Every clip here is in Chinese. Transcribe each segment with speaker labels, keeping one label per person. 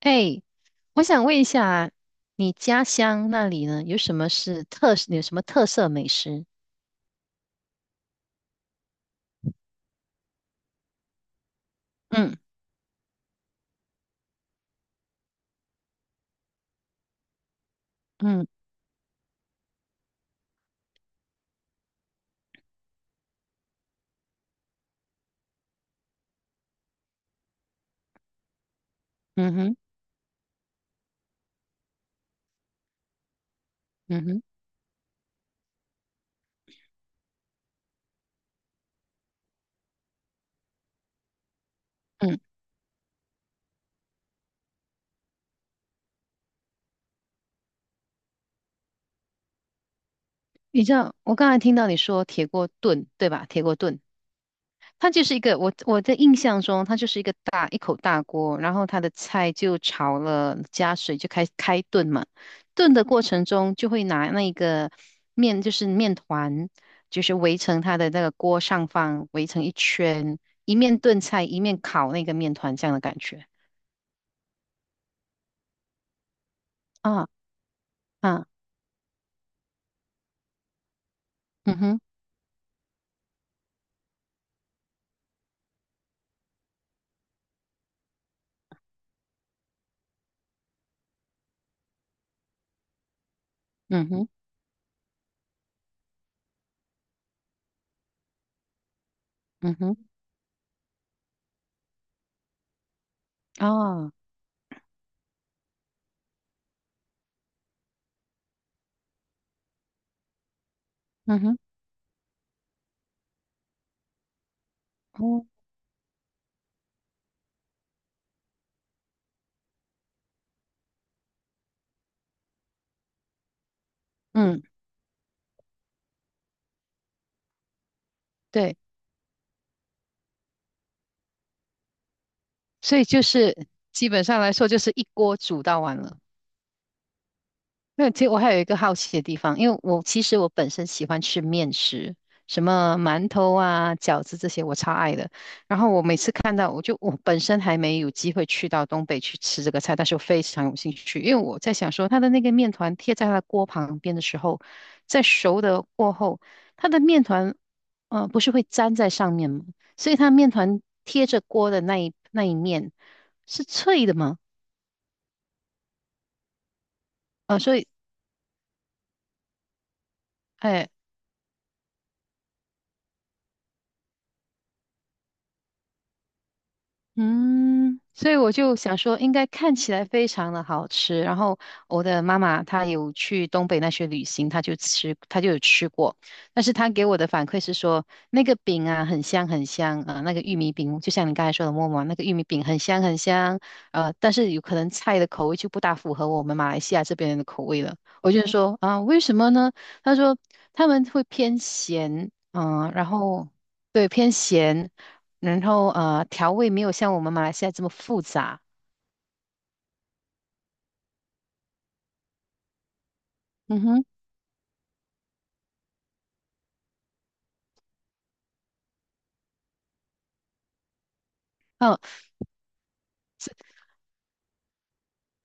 Speaker 1: 哎，我想问一下，你家乡那里呢，有什么特色美食？嗯。嗯。嗯哼。嗯哼。嗯，你知道我刚才听到你说铁锅炖，对吧？铁锅炖，它就是一个我的印象中，它就是一个大一口大锅，然后它的菜就炒了，加水就开炖嘛。炖的过程中就会拿那个面，就是面团，就是围成它的那个锅上方，围成一圈，一面炖菜，一面烤那个面团，这样的感觉。啊。啊，嗯哼，嗯哼，嗯哼，啊，嗯哼，哦，嗯，对，所以就是基本上来说，就是一锅煮到完了。没有，其实我还有一个好奇的地方，因为我其实本身喜欢吃面食，什么馒头啊、饺子这些我超爱的。然后我每次看到，我本身还没有机会去到东北去吃这个菜，但是我非常有兴趣，因为我在想说，它的那个面团贴在它的锅旁边的时候，在熟的过后，它的面团不是会粘在上面吗？所以它面团贴着锅的那一面是脆的吗？啊、所以。哎，嗯，所以我就想说，应该看起来非常的好吃。然后我的妈妈她有去东北那些旅行，她就吃，她就有吃过。但是她给我的反馈是说，那个饼啊很香很香啊、那个玉米饼，就像你刚才说的馍馍，那个玉米饼很香很香。但是有可能菜的口味就不大符合我们马来西亚这边人的口味了。我就说啊、为什么呢？她说他们会偏咸，嗯、然后对偏咸，然后调味没有像我们马来西亚这么复杂。嗯哼。嗯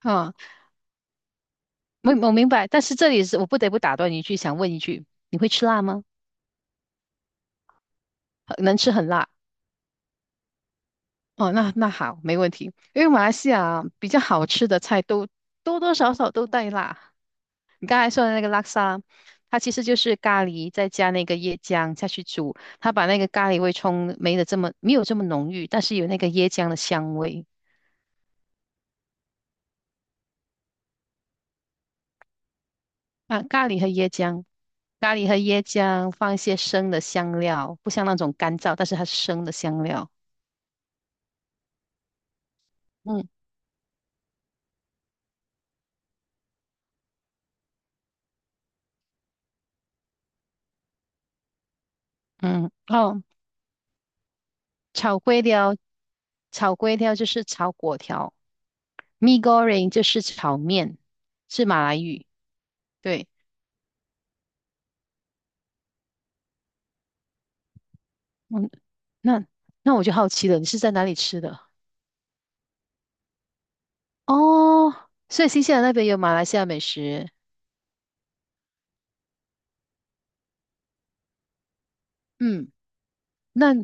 Speaker 1: 嗯，我明白。但是这里是我不得不打断你一句，想问一句，你会吃辣吗？能吃很辣？哦，那那好，没问题。因为马来西亚比较好吃的菜都多多少少都带辣。你刚才说的那个拉沙，它其实就是咖喱再加那个椰浆下去煮，它把那个咖喱味冲没的这么没有这么浓郁，但是有那个椰浆的香味。啊，咖喱和椰浆，咖喱和椰浆放一些生的香料，不像那种干燥，但是它是生的香料。嗯。嗯，哦，炒粿条，炒粿条就是炒粿条，mee goreng 就是炒面，是马来语。对，嗯，那那我就好奇了，你是在哪里吃的？哦，所以新西兰那边有马来西亚美食。嗯，那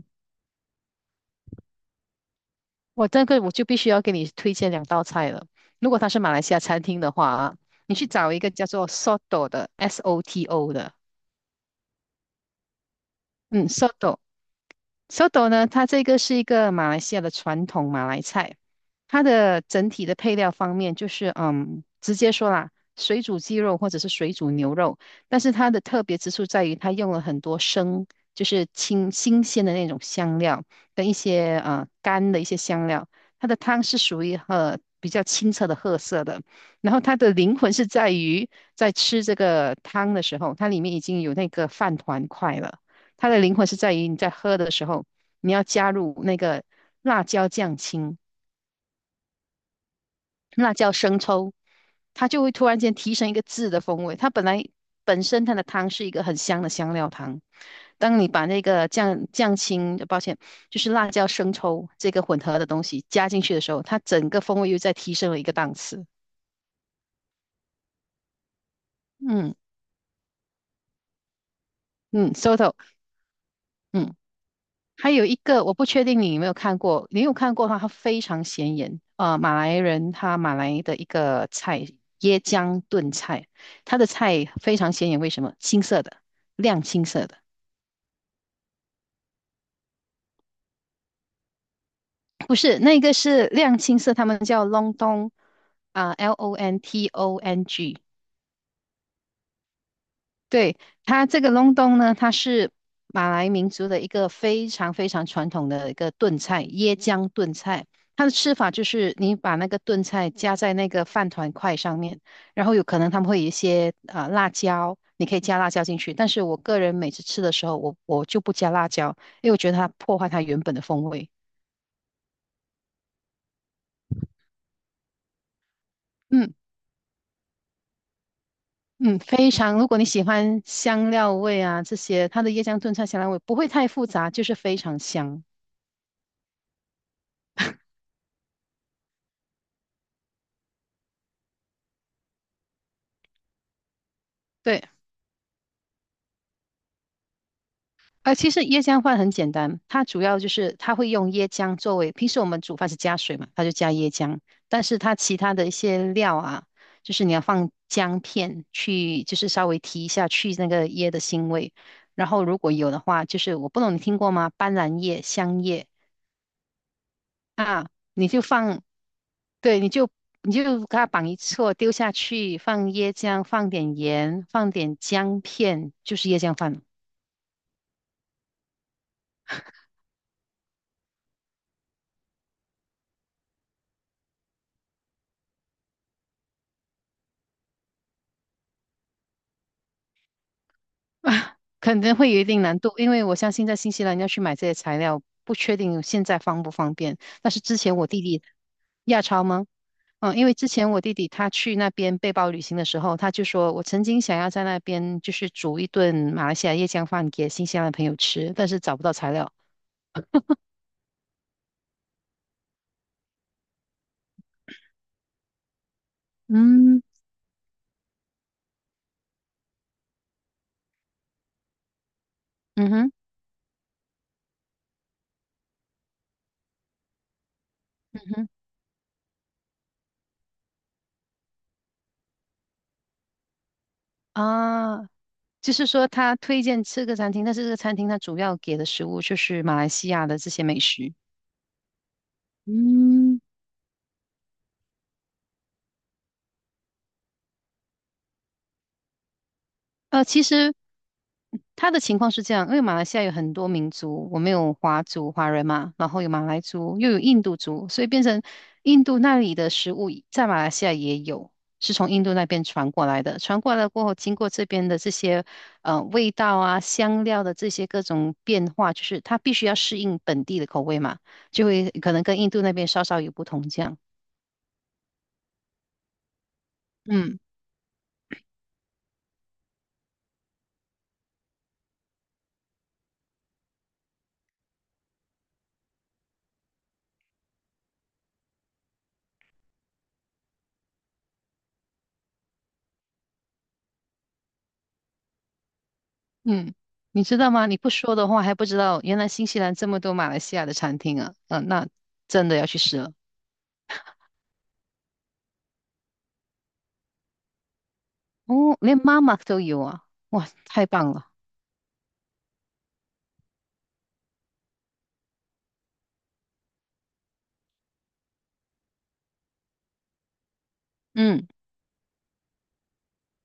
Speaker 1: 我这个我就必须要给你推荐两道菜了。如果它是马来西亚餐厅的话啊，你去找一个叫做 Soto 的 SOTO 的，嗯，Soto。Soto 呢，它这个是一个马来西亚的传统马来菜，它的整体的配料方面就是，嗯，直接说啦，水煮鸡肉或者是水煮牛肉，但是它的特别之处在于它用了很多生，就是清新鲜的那种香料跟一些干的一些香料，它的汤是属于比较清澈的褐色的，然后它的灵魂是在于在吃这个汤的时候，它里面已经有那个饭团块了。它的灵魂是在于你在喝的时候，你要加入那个辣椒酱青、辣椒生抽，它就会突然间提升一个字的风味。它本来本身它的汤是一个很香的香料汤，当你把那个酱酱青，抱歉，就是辣椒生抽这个混合的东西加进去的时候，它整个风味又再提升了一个档次。嗯嗯，soto，嗯。还有一个我不确定你有没有看过，你有看过的话，它非常显眼。马来人他马来的一个菜，椰浆炖菜，它的菜非常显眼，为什么？青色的，亮青色的，不是那个是亮青色，他们叫 londong 啊，LONTONG，对，它这个隆冬呢，它是马来民族的一个非常非常传统的一个炖菜，椰浆炖菜。它的吃法就是你把那个炖菜加在那个饭团块上面，然后有可能他们会有一些辣椒，你可以加辣椒进去。但是我个人每次吃的时候，我就不加辣椒，因为我觉得它破坏它原本的风味。嗯嗯，非常。如果你喜欢香料味啊这些，它的椰浆炖菜香料味不会太复杂，就是非常香。对。其实椰浆饭很简单，它主要就是它会用椰浆作为，平时我们煮饭是加水嘛，它就加椰浆，但是它其他的一些料啊，就是你要放姜片去，就是稍微提一下去那个椰的腥味，然后如果有的话，就是我不懂你听过吗？斑斓叶、香叶啊，你就放，对，你就你就给它绑一撮丢下去，放椰浆，放点盐，放点姜片，就是椰浆饭了。肯定会有一定难度，因为我相信在新西兰要去买这些材料，不确定现在方不方便。但是之前我弟弟亚超吗？嗯，因为之前我弟弟他去那边背包旅行的时候，他就说我曾经想要在那边就是煮一顿马来西亚椰浆饭给新西兰的朋友吃，但是找不到材料。嗯，嗯哼，嗯哼，啊，就是说他推荐吃个餐厅，但是这个餐厅它主要给的食物就是马来西亚的这些美食。嗯。其实他的情况是这样，因为马来西亚有很多民族，我们有华族、华人嘛，然后有马来族，又有印度族，所以变成印度那里的食物在马来西亚也有，是从印度那边传过来的。传过来过后，经过这边的这些味道啊、香料的这些各种变化，就是它必须要适应本地的口味嘛，就会可能跟印度那边稍稍有不同这样。嗯。嗯，你知道吗？你不说的话还不知道，原来新西兰这么多马来西亚的餐厅啊，嗯、那真的要去试了。哦，连妈妈都有啊，哇，太棒了。嗯，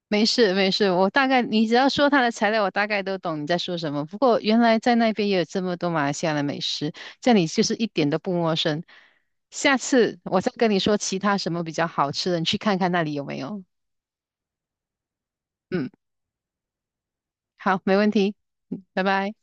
Speaker 1: 没事没事，我大概你只要说它的材料，我大概都懂你在说什么。不过原来在那边也有这么多马来西亚的美食，这里就是一点都不陌生。下次我再跟你说其他什么比较好吃的，你去看看那里有没有。嗯，好，没问题。嗯，拜拜。